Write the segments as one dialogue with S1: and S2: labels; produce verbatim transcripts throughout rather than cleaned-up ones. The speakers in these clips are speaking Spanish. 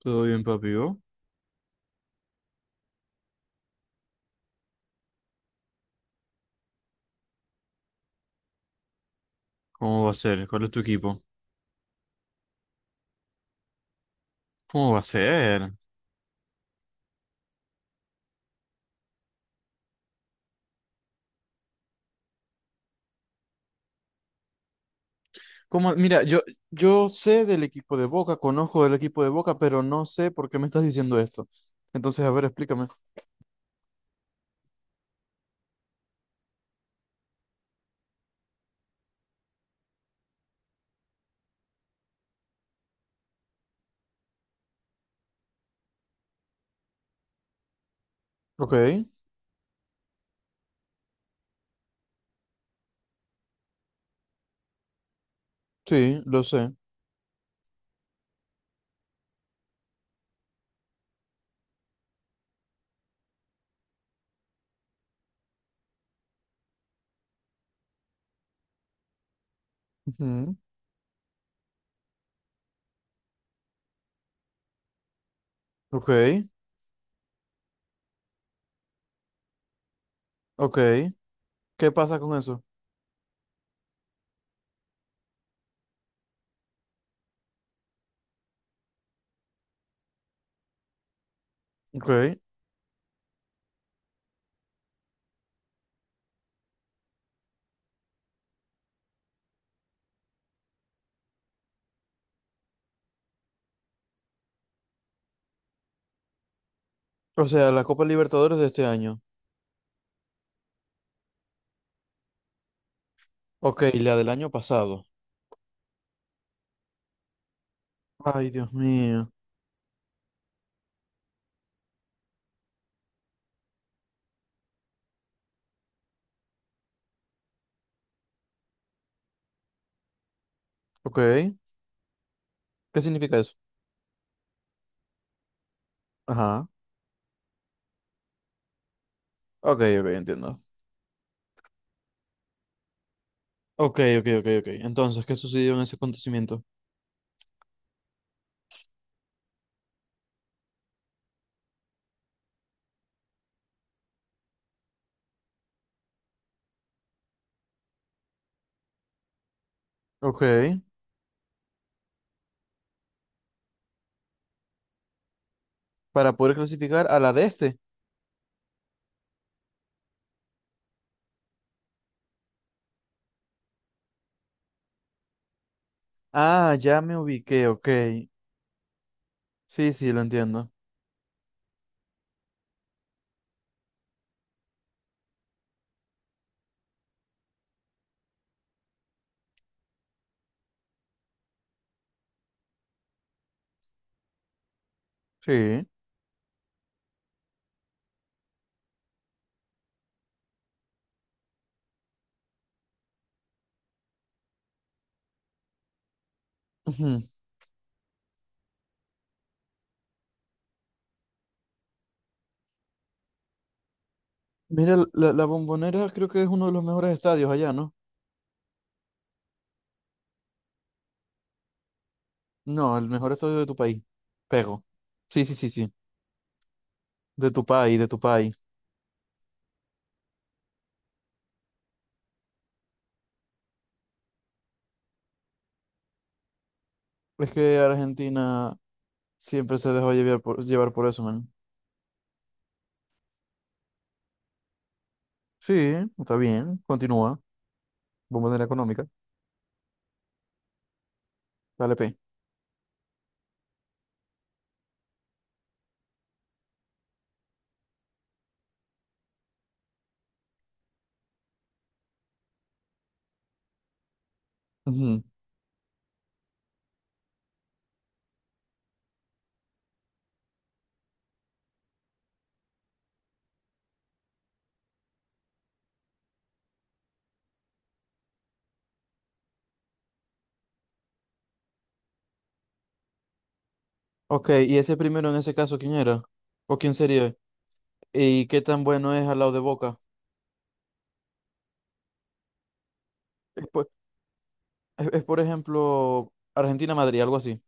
S1: Todo bien, papi. ¿Vos? ¿Cómo va a ser? ¿Cuál es tu equipo? ¿Cómo va a ser? ¿Cómo? Mira, yo, yo sé del equipo de Boca, conozco del equipo de Boca, pero no sé por qué me estás diciendo esto. Entonces, a ver, explícame. Ok, sí, lo sé. Ujú. Ok, ok. ¿Qué pasa con eso? Ok. O sea, la Copa Libertadores de este año. Ok, y la del año pasado. Ay, Dios mío. Ok. ¿Qué significa eso? Ajá. Ok, ok, entiendo. Ok, ok, ok, ok. Entonces, ¿qué sucedió en ese acontecimiento? Ok, para poder clasificar a la de este. Ah, ya me ubiqué, ok. Sí, sí, lo entiendo. Sí. Ujú. Mira, la, la Bombonera creo que es uno de los mejores estadios allá, ¿no? No, el mejor estadio de tu país. Pego. Sí, sí, sí, sí. De tu país, de tu país. Es que Argentina siempre se dejó llevar por, llevar por eso, man. Sí, está bien. Continúa. Bombonera económica. Dale, P. Ujú. Ok, y ese primero en ese caso, ¿quién era? ¿O quién sería? ¿Y qué tan bueno es al lado de Boca? Es, por es- es, por ejemplo, Argentina-Madrid, algo así.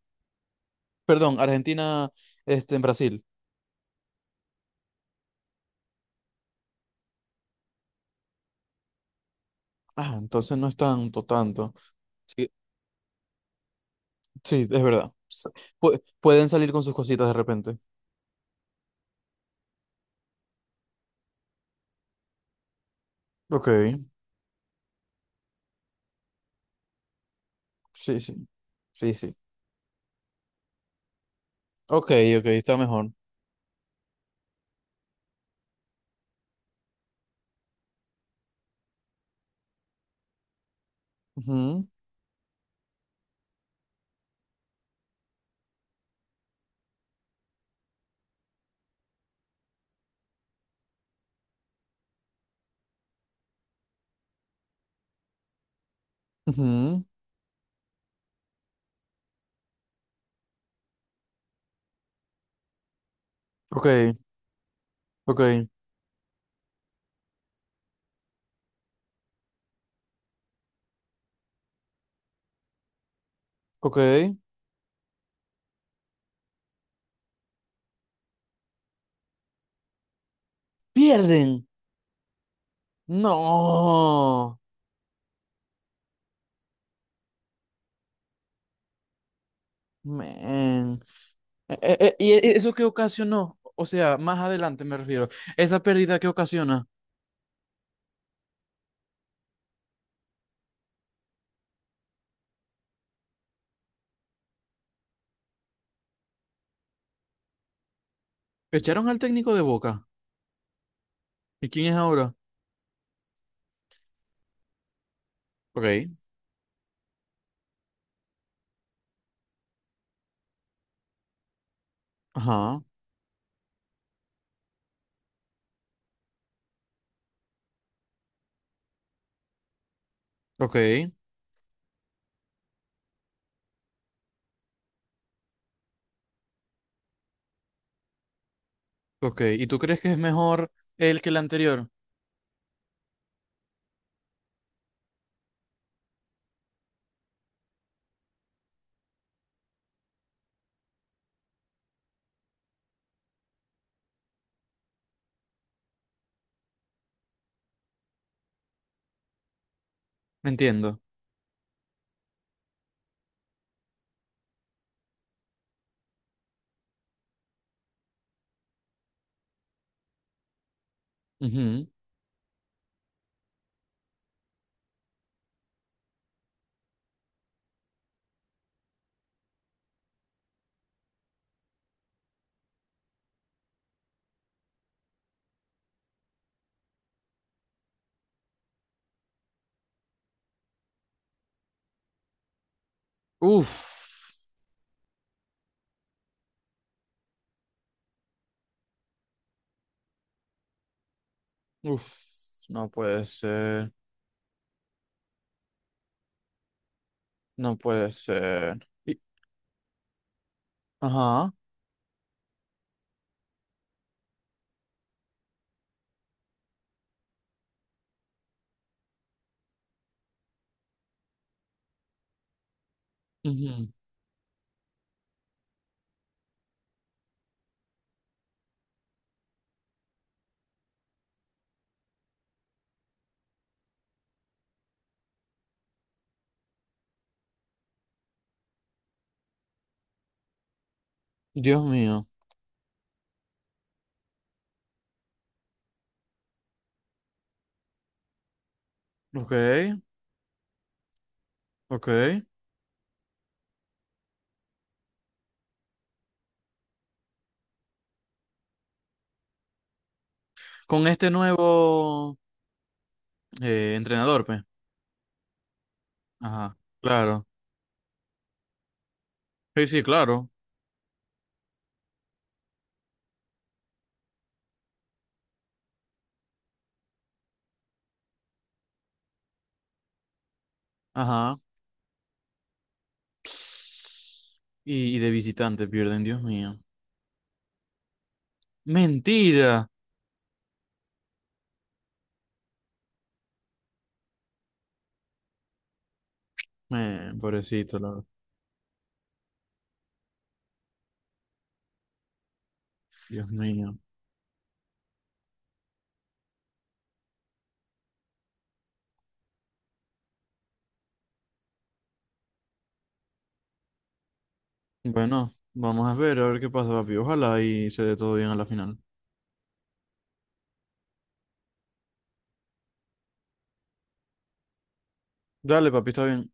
S1: Perdón, Argentina, este, en Brasil. Ah, entonces no es tanto, tanto. Sí, sí, es verdad. S- pu- pueden salir con sus cositas de repente. Ok, sí, sí. Sí, sí. Ok, ok, está mejor. Ujú, ujú. Ok, ok, ok. ¡Pierden! ¡No! Man. Eh, eh, eh, ¿y e- eso qué ocasionó? O sea, más adelante me refiero. ¿Esa pérdida qué ocasiona? Echaron al técnico de Boca. ¿Y quién es ahora? Ok, ajá, ok, ok. ¿Y tú crees que es mejor él que el anterior? Entiendo. Ujú. Uf, uf, no puede ser, no puede ser. Y... ajá, ujú. Dios mío. Ok, ok. Con este nuevo eh, entrenador, pues. Ajá, claro. Sí, sí, claro. Ajá. Y, y de visitante pierden, Dios mío. Mentira. Eh, pobrecito, la... Dios mío. Bueno, vamos a ver, a ver qué pasa, papi. Ojalá y se dé todo bien a la final. Dale, papi, está bien.